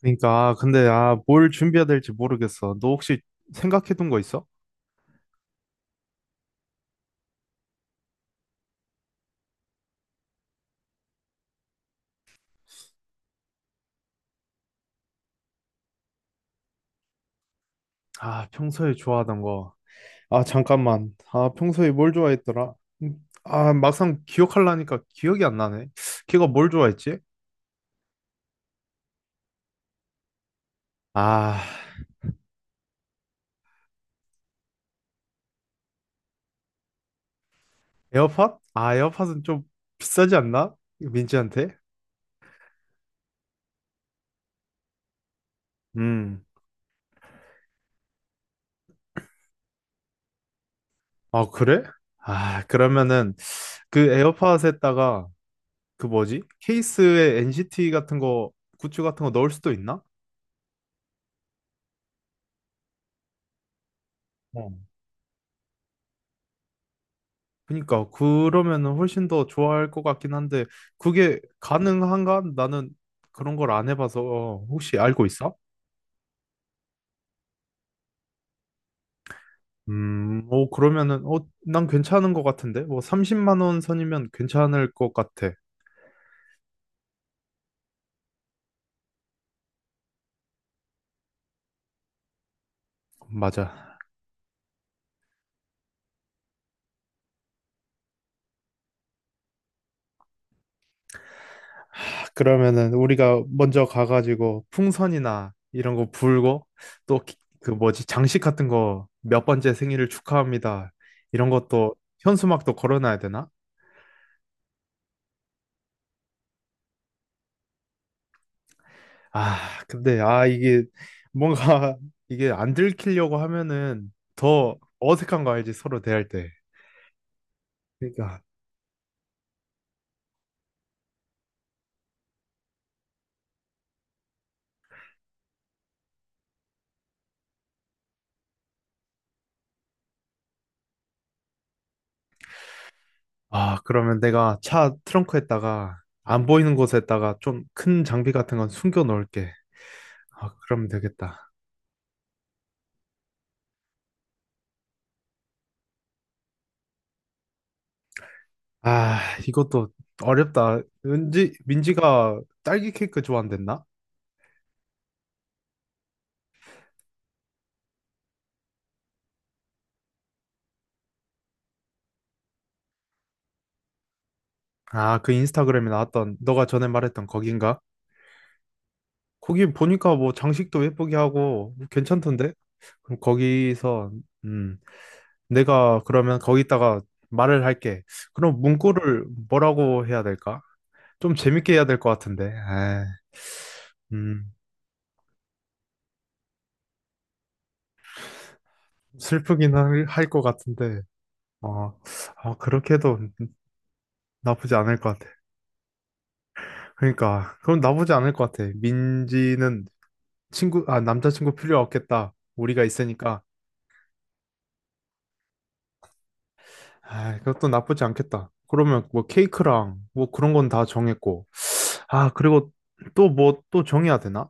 그러니까 아, 근데 아, 뭘 준비해야 될지 모르겠어. 너 혹시 생각해둔 거 있어? 아, 평소에 좋아하던 거. 아, 잠깐만. 아, 평소에 뭘 좋아했더라? 아, 막상 기억하려니까 기억이 안 나네. 걔가 뭘 좋아했지? 아, 에어팟? 아, 에어팟은 좀 비싸지 않나? 민지한테? 음. 아, 그래? 아, 그러면은 그 에어팟에다가 그 뭐지? 케이스에 NCT 같은 거, 굿즈 같은 거 넣을 수도 있나? 어. 그러니까 그러면은 훨씬 더 좋아할 것 같긴 한데 그게 가능한가? 나는 그런 걸 안 해봐서 혹시 알고 있어? 어 그러면은 어 난 괜찮은 것 같은데 뭐 30만 원 선이면 괜찮을 것 같아. 맞아. 하, 그러면은 우리가 먼저 가가지고 풍선이나 이런 거 불고 또 그 뭐지 장식 같은 거 몇 번째 생일을 축하합니다. 이런 것도 현수막도 걸어놔야 되나? 아, 근데, 아, 이게, 뭔가, 이게 안 들키려고 하면은 더 어색한 거 알지, 서로 대할 때. 그러니까, 아, 그러면 내가 차 트렁크에다가, 안 보이는 곳에다가 좀 큰 장비 같은 건 숨겨 놓을게. 아, 그러면 되겠다. 아, 이것도 어렵다. 은지, 민지가 딸기 케이크 좋아한댔나? 아, 그 인스타그램에 나왔던, 너가 전에 말했던 거긴가? 거기 보니까 뭐 장식도 예쁘게 하고, 괜찮던데? 그럼 거기서, 음. 내가 그러면 거기다가 말을 할게. 그럼 문구를 뭐라고 해야 될까? 좀 재밌게 해야 될 것 같은데. 에 음, 슬프긴 할 것 같은데. 어, 아, 그렇게 해도 나쁘지 않을 것 같아. 그러니까, 그럼 나쁘지 않을 것 같아. 민지는 친구, 아, 남자친구 필요 없겠다. 우리가 있으니까. 아, 그것도 나쁘지 않겠다. 그러면 뭐 케이크랑 뭐 그런 건 다 정했고. 아, 그리고 또 뭐 또 정해야 되나?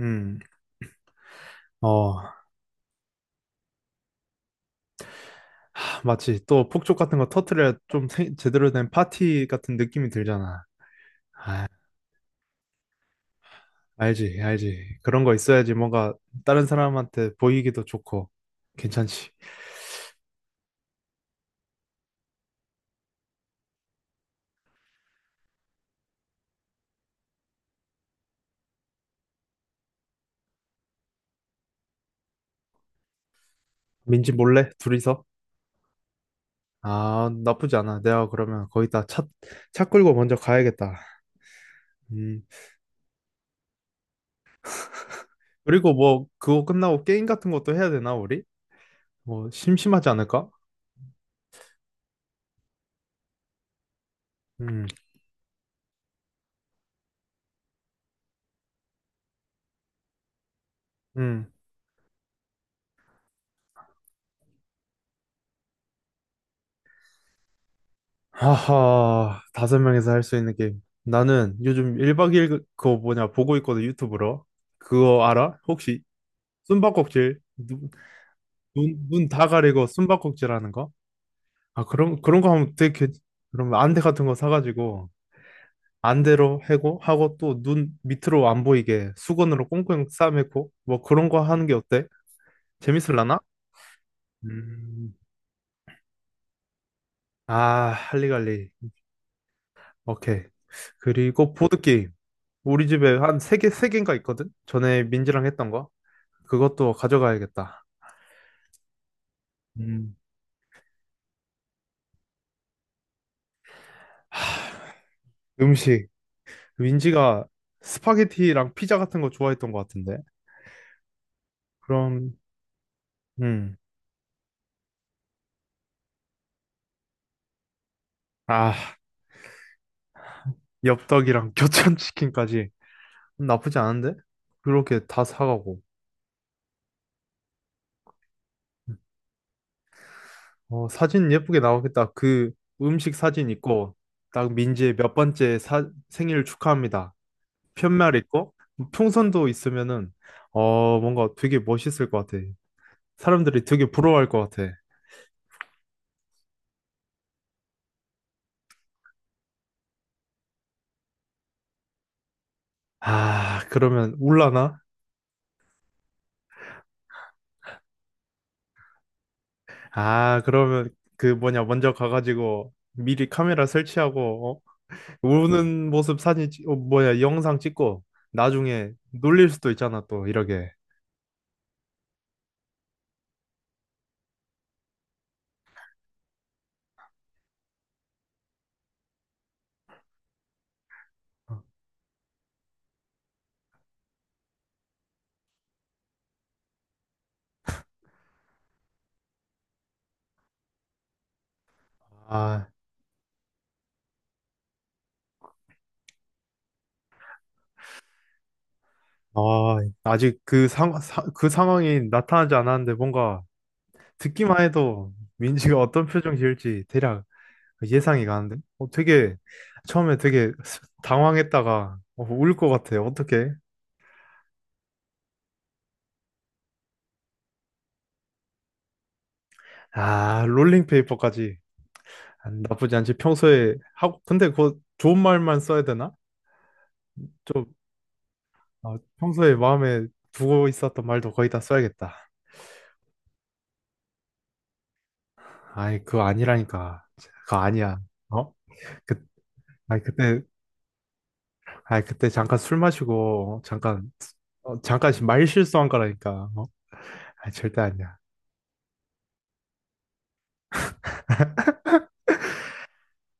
음. 어, 하, 마치 또 폭죽 같은 거 터트려야 좀 제대로 된 파티 같은 느낌이 들잖아. 알지, 알지. 그런 거 있어야지 뭔가 다른 사람한테 보이기도 좋고 괜찮지. 민지 몰래 둘이서? 아, 나쁘지 않아. 내가 그러면 거기다 차 끌고 먼저 가야겠다. 음. 그리고 뭐 그거 끝나고 게임 같은 것도 해야 되나 우리? 뭐 심심하지 않을까? 음, 음. 하하, 다섯 명이서 할 수 있는 게임. 나는 요즘 1박 2일 그거 뭐냐 보고 있거든 유튜브로. 그거 알아? 혹시 숨바꼭질 눈 눈 다 가리고 숨바꼭질 하는 거? 아 그런 그런 거 하면 되게 그러면 안대 같은 거 사가지고 안대로 해고 하고 또 눈 밑으로 안 보이게 수건으로 꽁꽁 싸매고 뭐 그런 거 하는 게 어때? 재밌을라나? 음, 아 할리갈리. 오케이. 그리고 보드게임. 우리 집에 한 세 개인가 있거든? 전에 민지랑 했던 거? 그것도 가져가야겠다. 음. 음식. 민지가 스파게티랑 피자 같은 거 좋아했던 것 같은데. 그럼, 음. 아, 엽떡이랑 교촌치킨까지. 나쁘지 않은데? 그렇게 다 사가고. 어, 사진 예쁘게 나오겠다. 그 음식 사진 있고, 딱 민지의 몇 번째 생일 축하합니다. 편말 있고, 풍선도 있으면은, 어, 뭔가 되게 멋있을 것 같아. 사람들이 되게 부러워할 것 같아. 아, 그러면 울라나? 아, 그러면 그 뭐냐, 먼저 가가지고 미리 카메라 설치하고, 어? 음. 우는 모습 사진, 영상 찍고, 나중에 놀릴 수도 있잖아, 또, 이렇게. 아, 아, 아직 그 그 상황이 나타나지 않았는데, 뭔가 듣기만 해도 민지가 어떤 표정 지을지 대략 예상이 가는데? 어, 되게, 처음에 되게 당황했다가, 어, 울것 같아. 어떡해? 아, 롤링페이퍼까지. 아, 나쁘지 않지. 평소에 하고, 근데 그거 좋은 말만 써야 되나? 좀, 어, 평소에 마음에 두고 있었던 말도 거의 다 써야겠다. 아이, 그거 아니라니까. 그거 아니야. 어? 그, 아이, 그때, 아이, 그때 잠깐 술 마시고, 잠깐, 어, 잠깐 말 실수한 거라니까. 어? 아, 절대 아니야.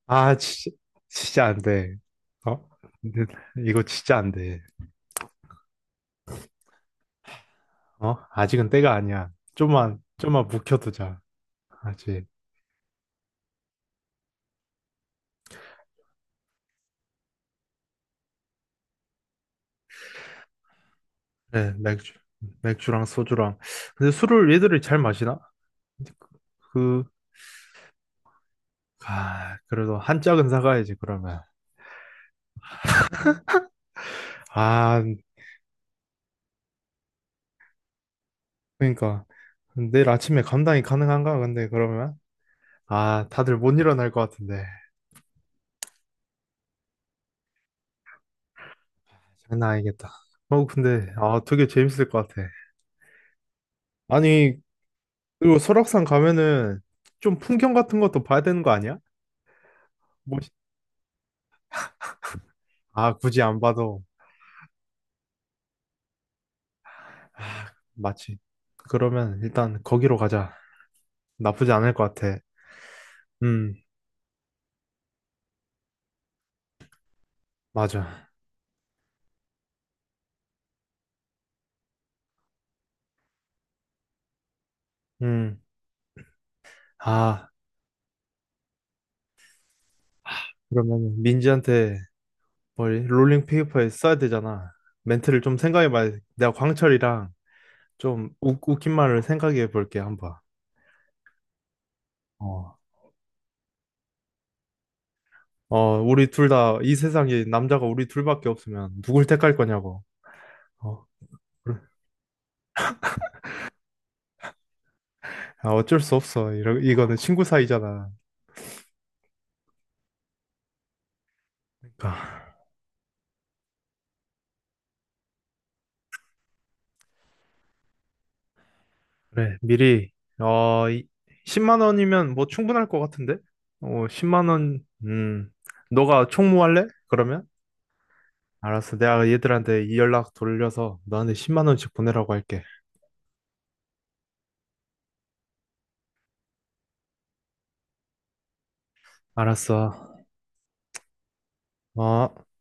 아, 진짜, 진짜 안 돼. 어? 근데 이거 진짜 안 돼. 어? 아직은 때가 아니야. 좀만 묵혀두자. 알지? 네, 맥주랑 소주랑. 근데 술을 얘들이 잘 마시나? 그, 아, 그래도 한 짝은 사가야지, 그러면. 아, 그러니까. 내일 아침에 감당이 가능한가? 근데 그러면? 아, 다들 못 일어날 것 같은데. 장난 아니겠다. 어, 근데, 아, 되게 재밌을 것 같아. 아니, 그리고 설악산 가면은 좀 풍경 같은 것도 봐야 되는 거 아니야? 뭐, 아, 굳이 안 봐도 마치. 그러면 일단 거기로 가자. 나쁘지 않을 것 같아. 음, 맞아. 음. 아, 그러면 민지한테 뭘 롤링 페이퍼에 써야 되잖아. 멘트를 좀 생각해봐야 돼. 내가 광철이랑 좀 웃긴 말을 생각해 볼게, 한번. 어. 어, 우리 둘 다 이 세상에 남자가 우리 둘밖에 없으면 누굴 택할 거냐고. 어, 그래. 아, 어쩔 수 없어. 이거는 친구 사이잖아. 그러니까. 그래, 미리, 어, 이, 10만 원이면 뭐 충분할 것 같은데? 어, 10만 원, 너가 총무할래? 그러면? 알았어. 내가 얘들한테 이 연락 돌려서 너한테 10만 원씩 보내라고 할게. 알았어. 어.